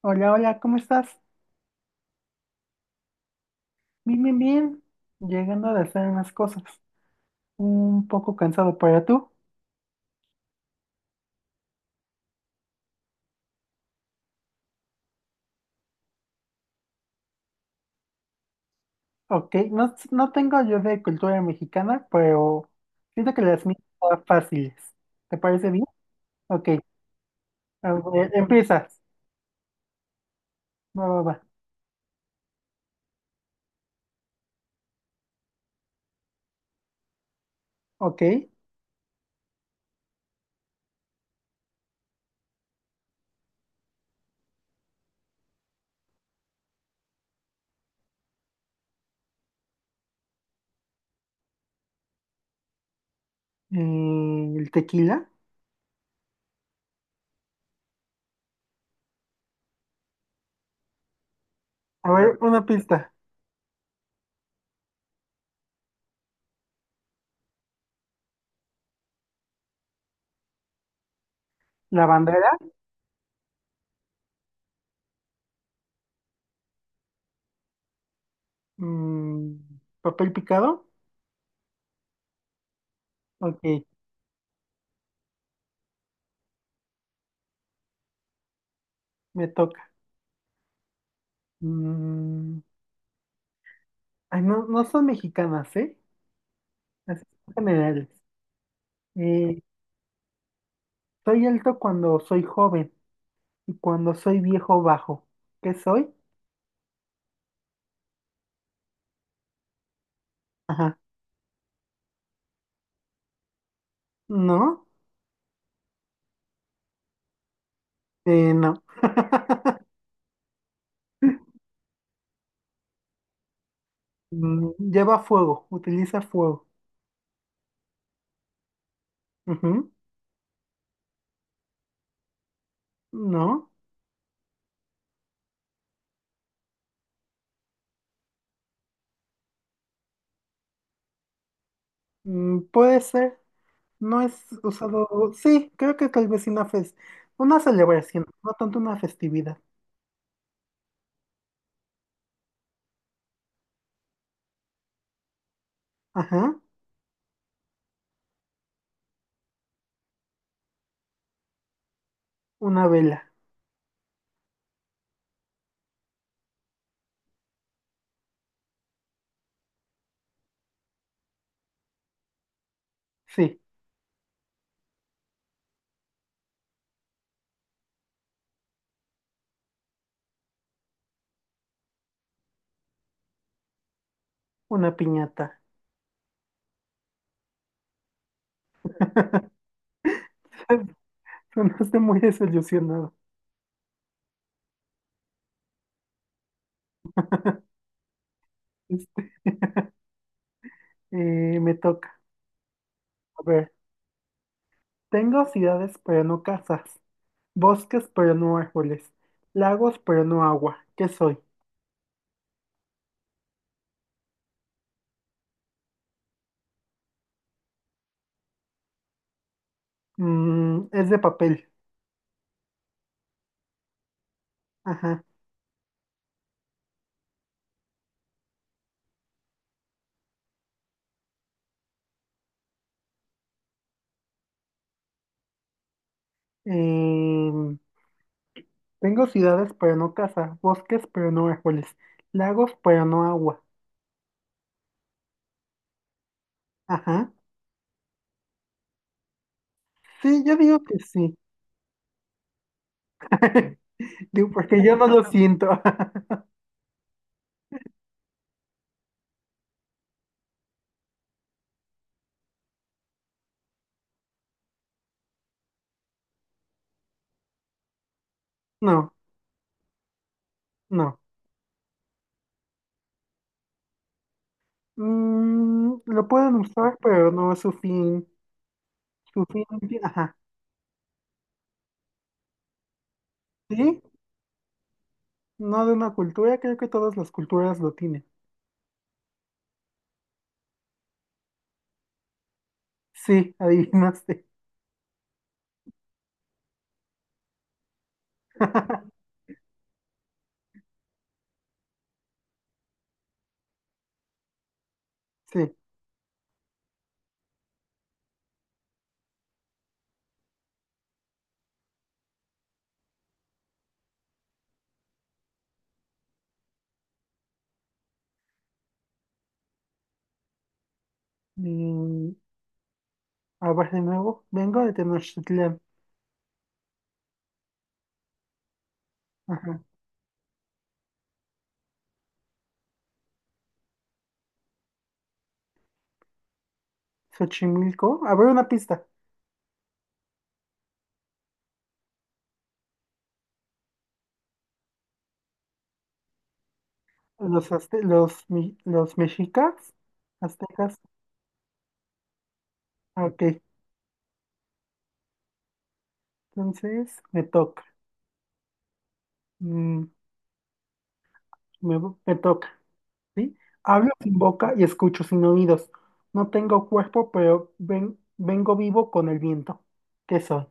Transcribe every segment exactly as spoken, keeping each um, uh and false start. Hola, hola, ¿cómo estás? Bien, bien, bien. Llegando de hacer unas cosas. Un poco cansado, para tú. Ok, no, no tengo yo de cultura mexicana, pero siento que las mías son fáciles. ¿Te parece bien? Ok, a ver, empiezas. Va, va, va. Ok, eh, el tequila. A ver, una pista. La bandera. Mm, papel picado. Ok, me toca. Mm, ay, no, no son mexicanas, ¿eh? Así son generales. Eh, Soy alto cuando soy joven y cuando soy viejo bajo. ¿Qué soy? Ajá. ¿No? Eh, no. Mm, lleva fuego, utiliza fuego. Ujú. ¿No? Mm, puede ser. No es usado. Sí, creo que tal vez una fes- una celebración, no tanto una festividad. Ajá. Una vela. Sí, una piñata. Sonaste muy desilusionado. Este, eh, me toca. A ver, tengo ciudades, pero no casas. Bosques pero no árboles. Lagos pero no agua. ¿Qué soy? Mm, es de papel. Ajá. Em, tengo ciudades pero no casa. Bosques pero no árboles. Lagos pero no agua. Ajá. Sí, yo digo que sí. Digo, porque yo no lo siento. No, no. Mm, lo pueden usar pero no es su fin. Su fin. ti- Ajá. Sí, no de una cultura. Creo que todas las culturas lo tienen. Sí, adivinaste. Sí. Mm, a ver de nuevo. Vengo de Tenochtitlán. Ajá. Xochimilco. A ver una pista. Los, azte- los, mi- los mexicas, aztecas. Ah, ok, entonces me toca. Mm, me, me toca, ¿sí? Hablo sin boca y escucho sin oídos. No tengo cuerpo, pero ven- vengo vivo con el viento. ¿Qué soy?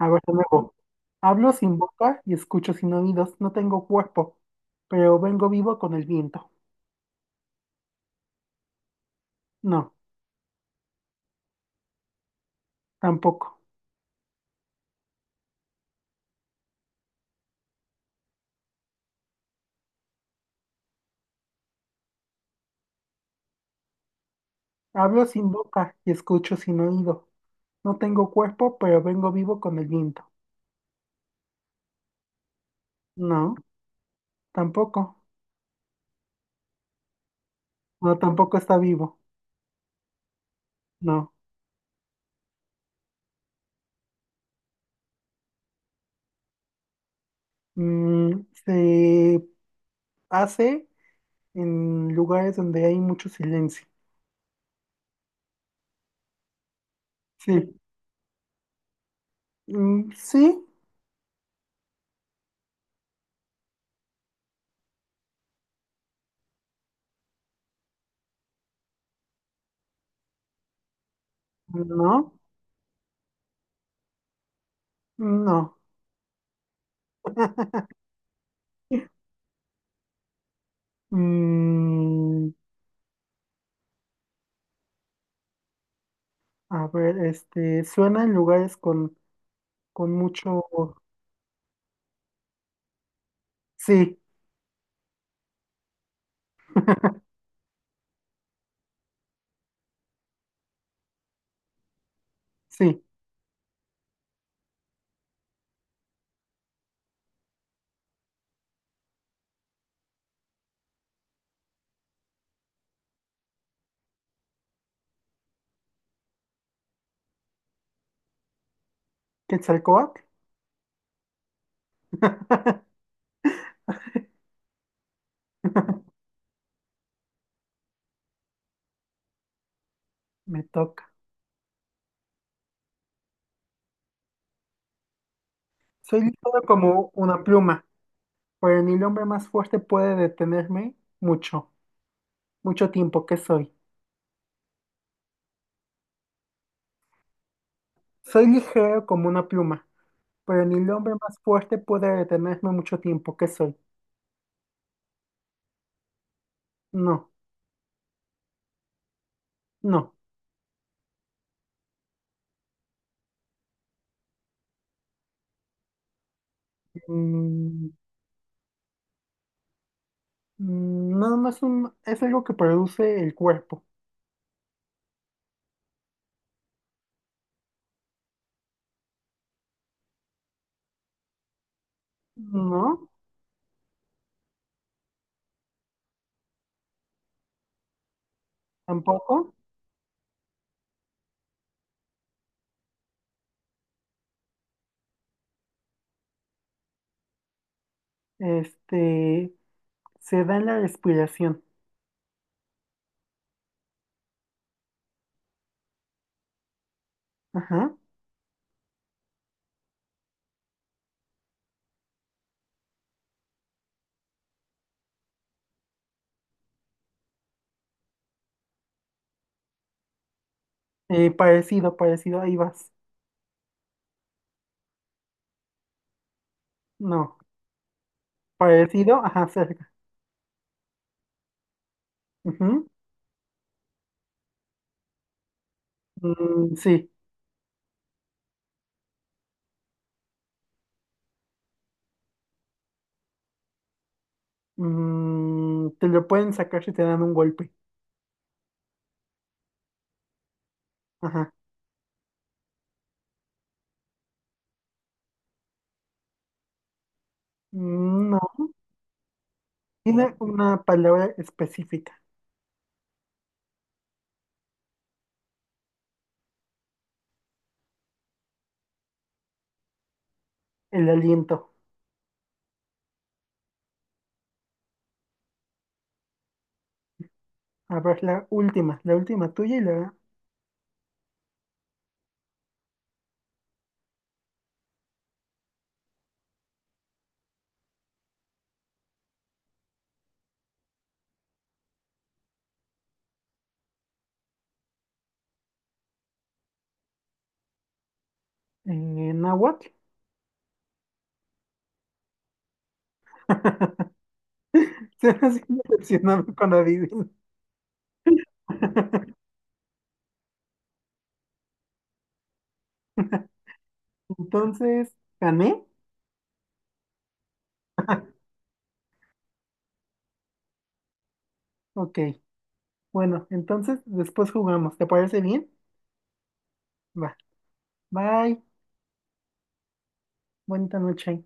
A ver de nuevo. Hablo sin boca y escucho sin oídos. No tengo cuerpo, pero vengo vivo con el viento. No, tampoco. Hablo sin boca y escucho sin oído. No tengo cuerpo, pero vengo vivo con el viento. No, tampoco. No, tampoco está vivo. No. Mm, se hace en lugares donde hay mucho silencio. Sí. Mm, sí. No. No. Mm, a ver, este, suena en lugares con, con mucho... Sí, sí. ¿Quetzalcóatl? Me toca. Soy ligero como una pluma, pero ni el hombre más fuerte puede detenerme mucho, mucho tiempo que soy. Soy ligero como una pluma, pero ni el hombre más fuerte puede detenerme mucho tiempo que soy. No, no. Mm, mm, no, no es un, es algo que produce el cuerpo. No, tampoco. Este, se da en la respiración. Ajá. Eh, parecido, parecido, ahí vas. No, parecido, ajá, cerca. Ujú. Mm, sí. Mm, te lo pueden sacar si te dan un golpe. Ajá. Mm, no, tiene una palabra específica, el aliento. A ver, la última, la última tuya y la eh, náhuatl. Se me hace decepcionado cuando adivino. Entonces, ¿gané? Ok. Bueno, entonces después jugamos. ¿Te parece bien? Va. Bye. Buena noche.